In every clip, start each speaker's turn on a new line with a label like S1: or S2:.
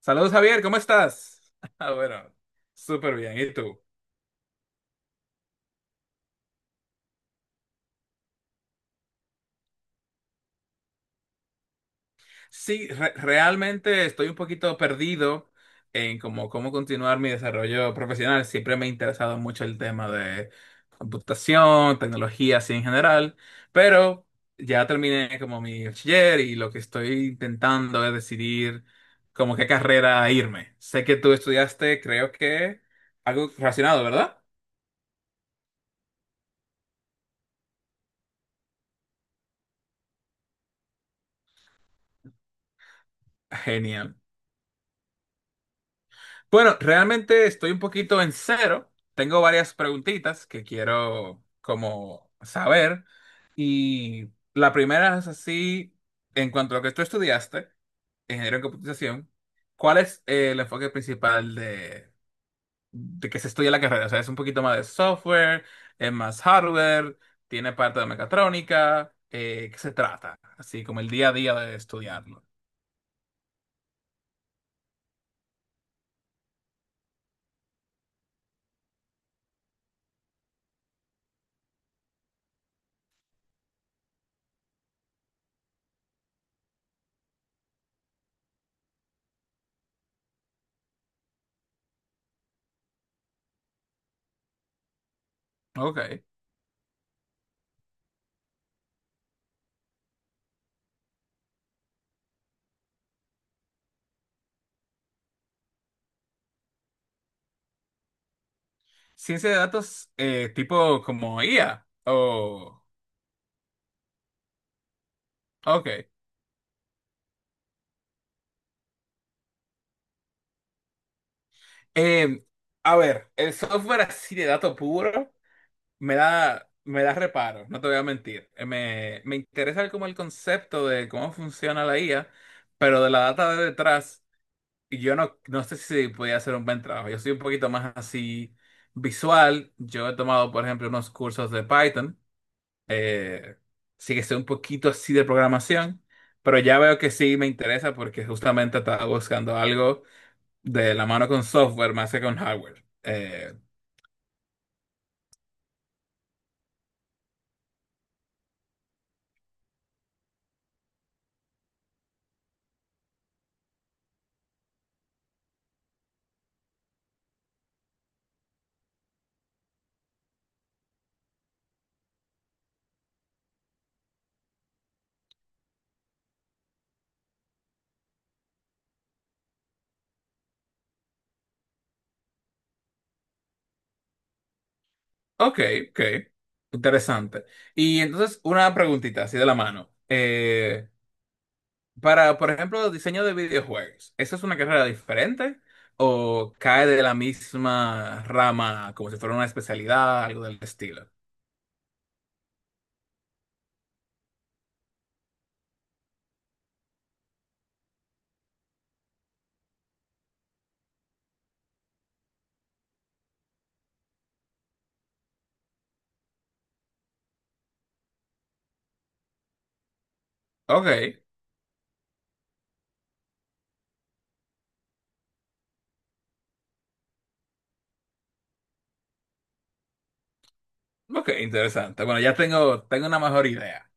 S1: Saludos Javier, ¿cómo estás? Ah, bueno, súper bien. ¿Y tú? Sí, realmente estoy un poquito perdido en cómo continuar mi desarrollo profesional. Siempre me ha interesado mucho el tema de computación, tecnología, así en general, pero ya terminé como mi bachiller y lo que estoy intentando es decidir como qué carrera irme. Sé que tú estudiaste, creo que algo relacionado, ¿verdad? Genial. Bueno, realmente estoy un poquito en cero. Tengo varias preguntitas que quiero como saber. Y la primera es así, en cuanto a lo que tú estudiaste, ingeniero en computación, ¿cuál es el enfoque principal de que se estudia la carrera? O sea, es un poquito más de software, es más hardware, tiene parte de mecatrónica, ¿qué se trata? Así como el día a día de estudiarlo. Ok. Ciencia de datos tipo como IA o. Ok. Eh, a ver, el software así de dato puro me da reparo, no te voy a mentir. Me interesa como el concepto de cómo funciona la IA, pero de la data de detrás, yo no sé si podía hacer un buen trabajo. Yo soy un poquito más así visual. Yo he tomado, por ejemplo, unos cursos de Python. Eh, sí que sé un poquito así de programación, pero ya veo que sí me interesa porque justamente estaba buscando algo de la mano con software más que con hardware. Ok, ok, interesante. Y entonces, una preguntita así de la mano. Para, por ejemplo, diseño de videojuegos, ¿esa es una carrera diferente o cae de la misma rama como si fuera una especialidad, algo del estilo? Ok, ok, interesante. Bueno, ya tengo una mejor idea.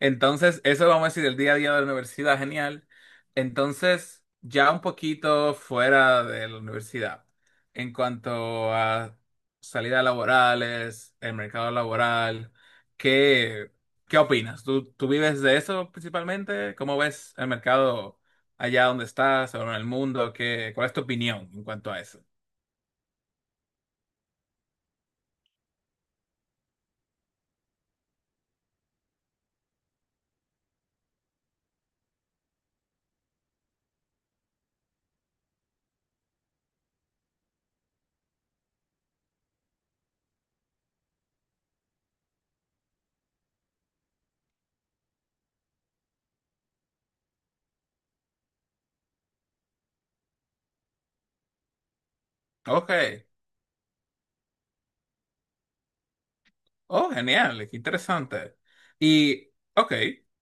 S1: Entonces, eso vamos a decir, el día a día de la universidad, genial. Entonces, ya un poquito fuera de la universidad, en cuanto a salidas laborales, el mercado laboral, ¿qué, qué opinas? ¿Tú vives de eso principalmente? ¿Cómo ves el mercado allá donde estás o en el mundo? ¿Cuál es tu opinión en cuanto a eso? Ok, oh, genial, qué interesante. Y, ok,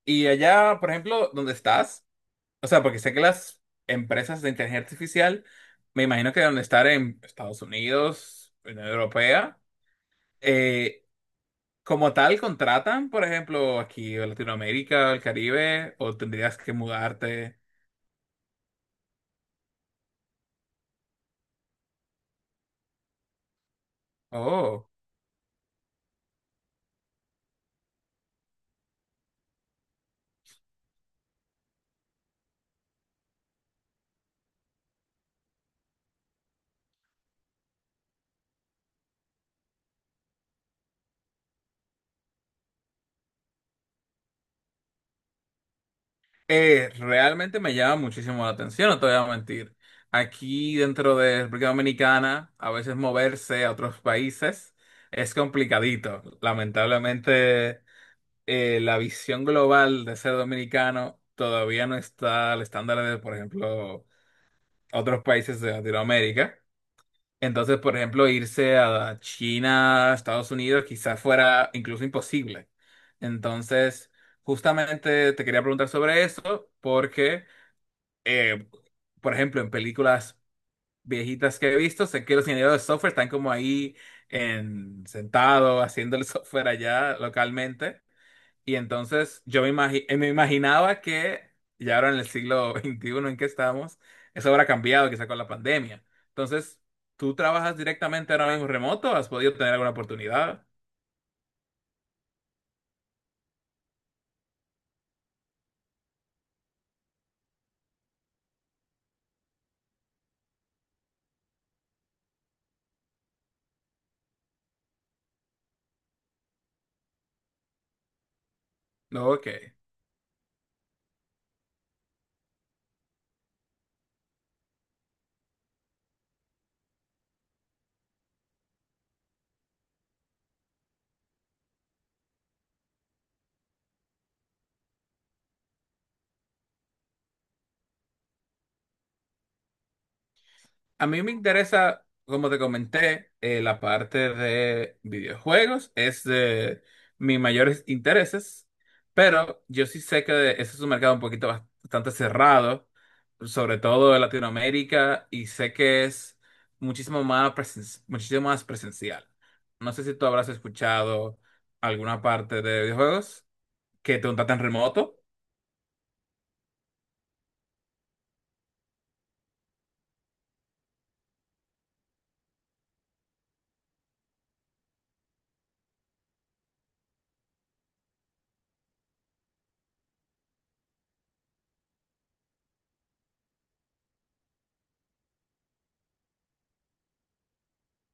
S1: y allá, por ejemplo, ¿dónde estás? O sea, porque sé que las empresas de inteligencia artificial, me imagino que deben estar en Estados Unidos, Unión Europea, eh, como tal, contratan, por ejemplo, aquí en Latinoamérica, el Caribe, o tendrías que mudarte. Oh, realmente me llama muchísimo la atención, no te voy a mentir. Aquí dentro de República Dominicana, a veces moverse a otros países es complicadito. Lamentablemente. La visión global de ser dominicano todavía no está al estándar de, por ejemplo, otros países de Latinoamérica. Entonces, por ejemplo, irse a China, Estados Unidos, quizás fuera incluso imposible. Entonces, justamente te quería preguntar sobre eso porque, eh, por ejemplo, en películas viejitas que he visto, sé que los ingenieros de software están como ahí sentados haciendo el software allá localmente. Y entonces yo me imaginaba que ya ahora en el siglo XXI en que estamos, eso habrá cambiado quizá con la pandemia. Entonces, ¿tú trabajas directamente ahora mismo remoto? ¿Has podido tener alguna oportunidad? No, ok. A mí me interesa, como te comenté, la parte de videojuegos, es de mis mayores intereses, pero yo sí sé que ese es un mercado un poquito bastante cerrado, sobre todo en Latinoamérica, y sé que es muchísimo más presencial. No sé si tú habrás escuchado alguna parte de videojuegos que te contratan remoto.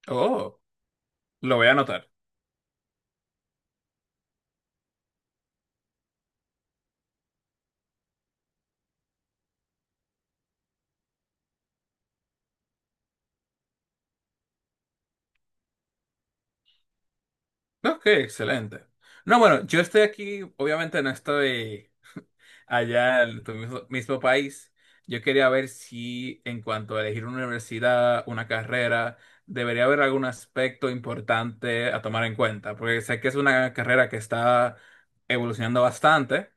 S1: Oh, lo voy a anotar. Ok, excelente. No, bueno, yo estoy aquí, obviamente no estoy, allá en tu mismo país, yo quería ver si en cuanto a elegir una universidad, una carrera, debería haber algún aspecto importante a tomar en cuenta, porque sé que es una carrera que está evolucionando bastante.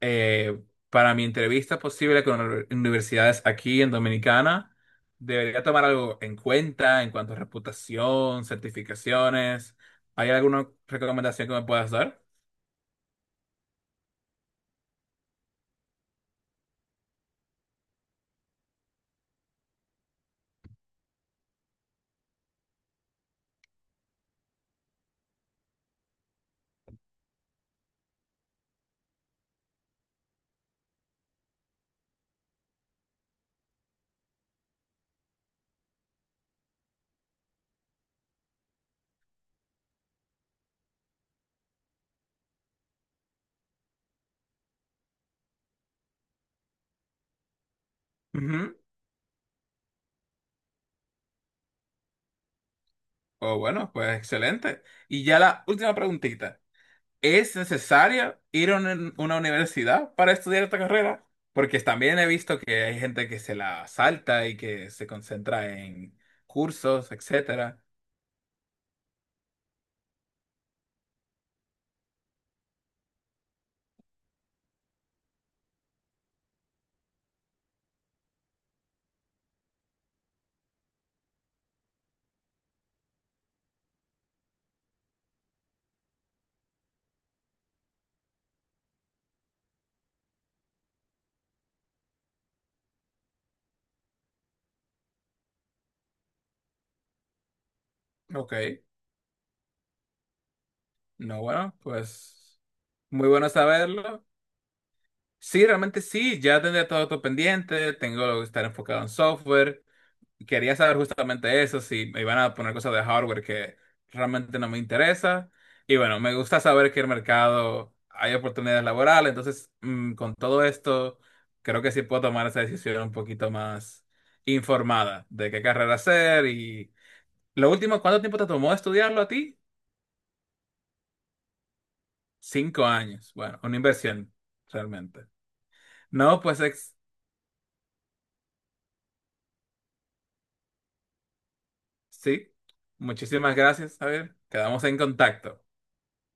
S1: Eh, para mi entrevista posible con universidades aquí en Dominicana, debería tomar algo en cuenta en cuanto a reputación, certificaciones. ¿Hay alguna recomendación que me puedas dar? Oh, bueno, pues excelente. Y ya la última preguntita. ¿Es necesario ir a una universidad para estudiar esta carrera? Porque también he visto que hay gente que se la salta y que se concentra en cursos, etcétera. Ok, no, bueno, pues muy bueno saberlo. Sí, realmente sí, ya tendré todo esto pendiente, tengo que estar enfocado en software, quería saber justamente eso, si me iban a poner cosas de hardware que realmente no me interesa. Y bueno, me gusta saber que el mercado hay oportunidades laborales, entonces con todo esto creo que sí puedo tomar esa decisión un poquito más informada de qué carrera hacer. Y lo último, ¿cuánto tiempo te tomó estudiarlo a ti? 5 años. Bueno, una inversión, realmente. No, pues sí, muchísimas gracias, Javier. Quedamos en contacto.